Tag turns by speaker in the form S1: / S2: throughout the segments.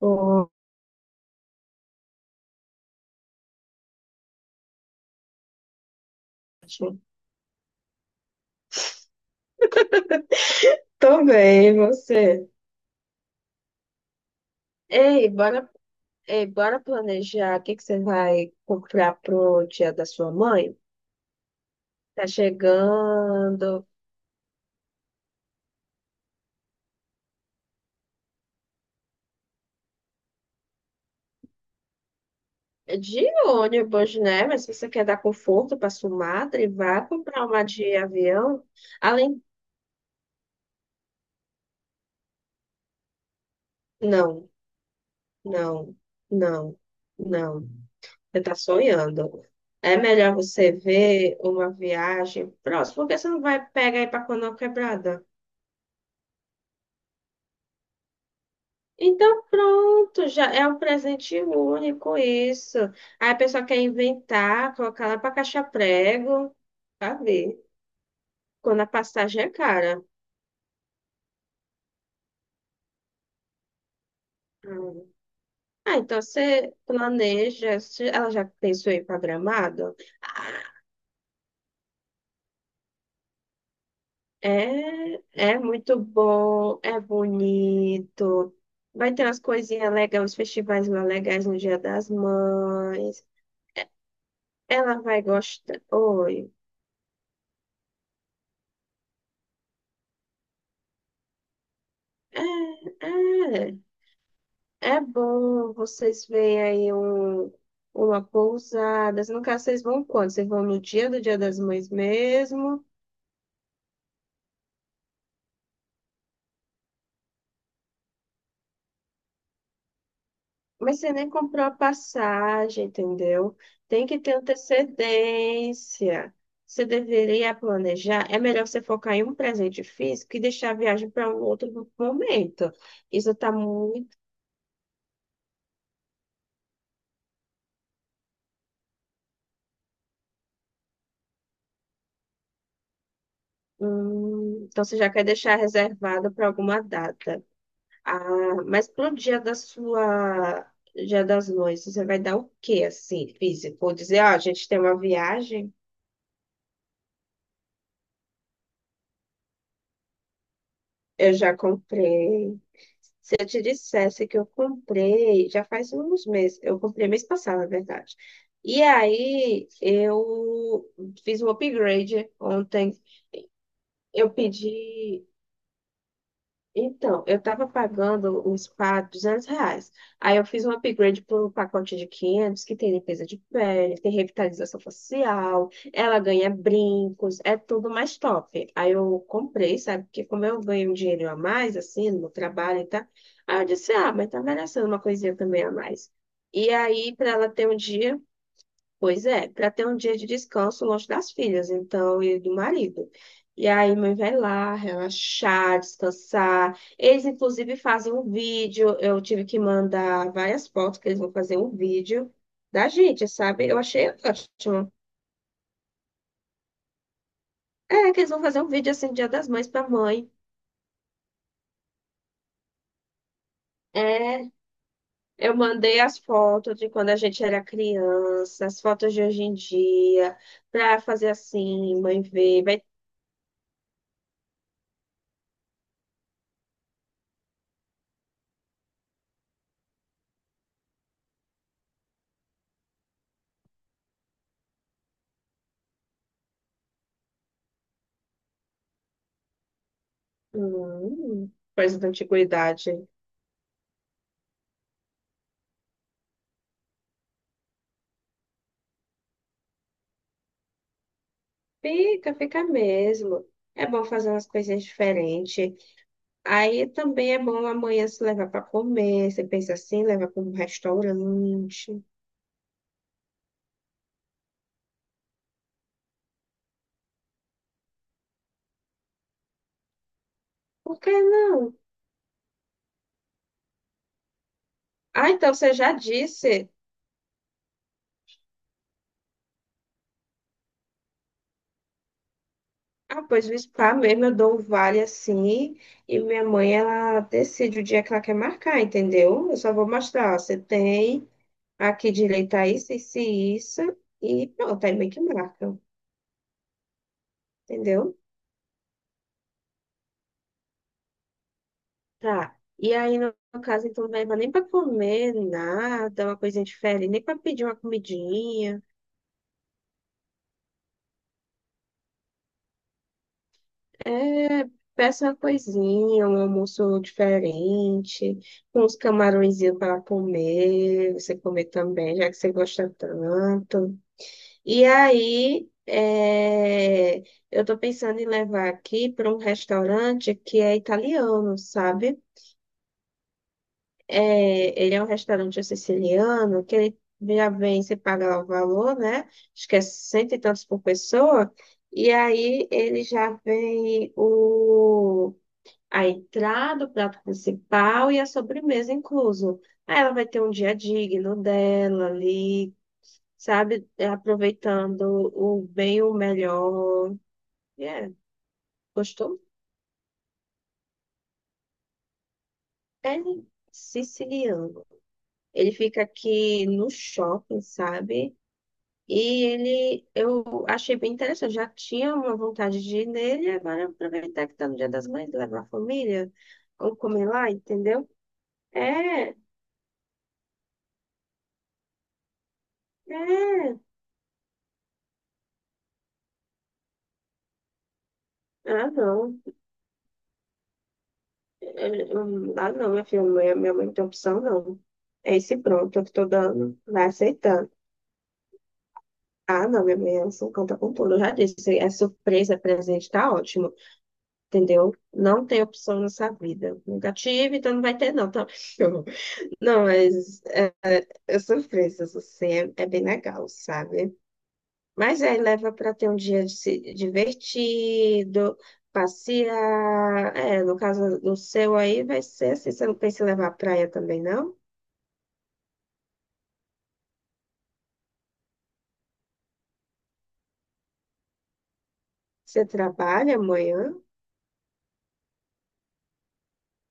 S1: Ótimo. Tô bem, e você? Ei, bora, ei, bora planejar o que que você vai comprar pro dia da sua mãe? Tá chegando de ônibus, né? Mas se você quer dar conforto pra sua madre, vá comprar uma de avião. Além, não, não, não, não. Você tá sonhando. É melhor você ver uma viagem próxima, porque você não vai pegar aí pra Canoa Quebrada. Então pronto, já é um presente único isso. Aí a pessoa quer inventar, colocar lá para caixa prego, sabe? Quando a passagem é cara. Hum. Ah, então você planeja, se ela já pensou em programado? É, é muito bom, é bonito. Vai ter umas coisinhas legais, uns festivais mais legais no Dia das Mães. Ela vai gostar. Oi. É, é. É bom vocês verem aí um, uma pousada. No caso, vocês vão quando? Vocês vão no dia do Dia das Mães mesmo? Mas você nem comprou a passagem, entendeu? Tem que ter antecedência. Você deveria planejar. É melhor você focar em um presente físico e deixar a viagem para um outro momento. Isso está muito. Hum, então, você já quer deixar reservado para alguma data. Ah, mas pro dia da sua, dia das noivas, você vai dar o quê, assim, físico? Vou dizer, ó, a gente tem uma viagem, eu já comprei. Se eu te dissesse que eu comprei, já faz uns meses, eu comprei mês passado, na verdade. E aí eu fiz um upgrade ontem. Eu pedi, Então, eu estava pagando um spa R$ 200. Aí eu fiz um upgrade para um pacote de 500 que tem limpeza de pele, tem revitalização facial, ela ganha brincos, é tudo mais top. Aí eu comprei, sabe? Porque como eu ganho um dinheiro a mais, assim, no meu trabalho e tal, aí eu disse, ah, mas tá merecendo uma coisinha também a mais. E aí, para ela ter um dia, Pois é, para ter um dia de descanso longe das filhas, então, e do marido. E aí, mãe vai lá relaxar, descansar. Eles, inclusive, fazem um vídeo. Eu tive que mandar várias fotos que eles vão fazer um vídeo da gente, sabe? Eu achei ótimo. É, que eles vão fazer um vídeo assim, Dia das Mães para mãe. É, eu mandei as fotos de quando a gente era criança, as fotos de hoje em dia, para fazer assim, mãe ver. Vai... Hum, coisa da antiguidade. Fica mesmo. É bom fazer umas coisinhas diferentes. Aí também é bom amanhã se levar para comer. Você pensa assim, levar para um restaurante. Por que não? Ah, então você já disse. Ah, pois no spa mesmo eu dou um vale assim. E minha mãe, ela decide o dia que ela quer marcar, entendeu? Eu só vou mostrar. Ó, você tem aqui direito a isso, isso e isso. E pronto, aí meio que marca, entendeu? Tá. E aí, no caso, então, não leva nem pra comer, nada, uma coisinha diferente, nem pra pedir uma comidinha. É, peça uma coisinha, um almoço diferente, com uns camarõezinhos para comer, você comer também, já que você gosta tanto. E aí, é, eu tô pensando em levar aqui para um restaurante que é italiano, sabe? É, ele é um restaurante siciliano que ele já vem, você paga lá o valor, né? Acho que é cento e tantos por pessoa. E aí ele já vem a entrada, o prato principal e a sobremesa incluso. Aí ela vai ter um dia digno dela ali, sabe? Aproveitando o bem, o melhor. É, gostou? É siciliano. Ele fica aqui no shopping, sabe? E ele, eu achei bem interessante, já tinha uma vontade de ir nele, agora aproveitar que tá no Dia das Mães, levar a família, ou comer lá, entendeu? É, é, ah não, ah não, minha filha, minha mãe não tem opção não, é esse pronto que eu estou dando, vai aceitando. Ah não, minha mãe, ela só conta com tudo, eu já disse, é surpresa, é presente, tá ótimo, entendeu? Não tem opção nessa vida, nunca tive, então não vai ter não, tá? Não. Eu sou fresas, assim, é bem legal, sabe? Mas aí leva para ter um dia de se- divertido, passear. É, no caso do seu aí, vai ser assim. Você não pensa em levar à praia também, não? Você trabalha amanhã?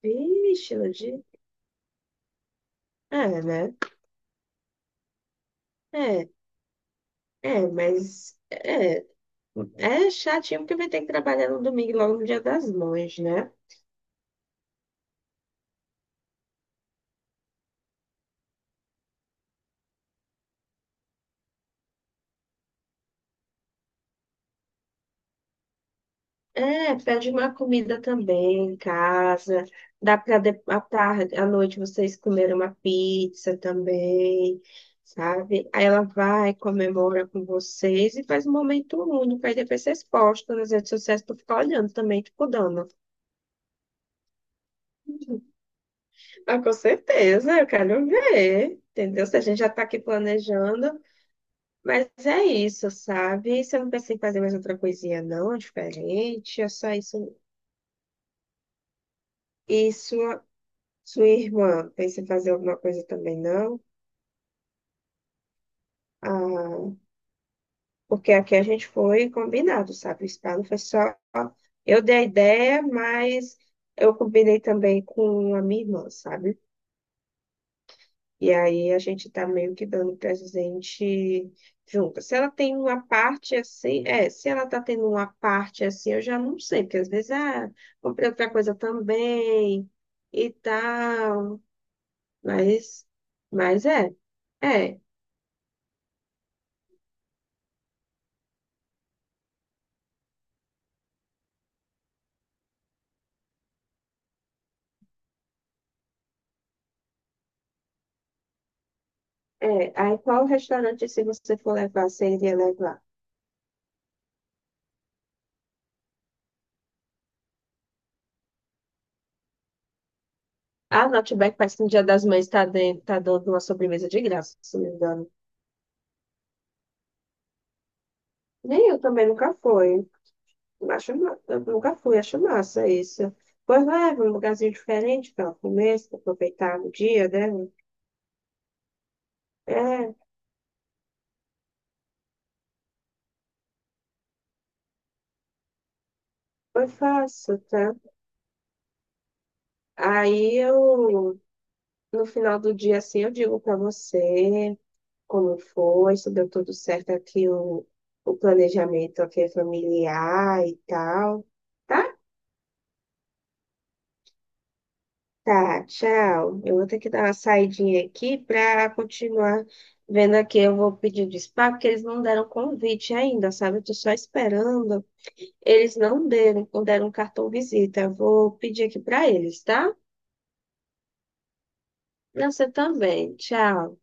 S1: Vixe, no dia. É, né? É, é, mas é, é chatinho porque vai ter que trabalhar no domingo, logo no dia das mães, né? É, pede uma comida também em casa. Dá para à tarde, à noite vocês comerem uma pizza também, sabe? Aí ela vai, comemora com vocês e faz um momento único. Aí depois vocês postam nas redes sociais para ficar olhando também, tipo, dando. Mas com certeza, eu quero ver, entendeu? Se a gente já tá aqui planejando. Mas é isso, sabe? Você não pensa em fazer mais outra coisinha, não, é diferente, é só isso. Isso. Sua irmã pensa em fazer alguma coisa também, não? Ah, porque aqui a gente foi combinado, sabe? O spa não foi só. Eu dei a ideia, mas eu combinei também com a minha irmã, sabe? E aí a gente tá meio que dando presente junto. Se ela tem uma parte assim, é, se ela tá tendo uma parte assim, eu já não sei, porque às vezes, ah, comprei outra coisa também e tal. Mas, mas é. É, aí qual restaurante, se você for levar, você iria levar? Ah, Outback parece que no Dia das Mães tá, dentro, tá dando uma sobremesa de graça, se não me engano. Nem eu também nunca fui. Acho, eu nunca fui, acho massa isso. Pois leva um lugarzinho diferente para comer, se aproveitar o dia, né? É, foi fácil, tá? Aí eu, no final do dia, assim, eu digo para você. Como foi, se deu tudo certo aqui o planejamento aqui familiar e tal. Tá? Tá, tchau. Eu vou ter que dar uma saidinha aqui para continuar vendo aqui. Eu vou pedir despacho, porque eles não deram convite ainda, sabe? Eu tô só esperando. Eles não deram, não deram cartão visita. Eu vou pedir aqui para eles, tá? Pra você também. Tchau.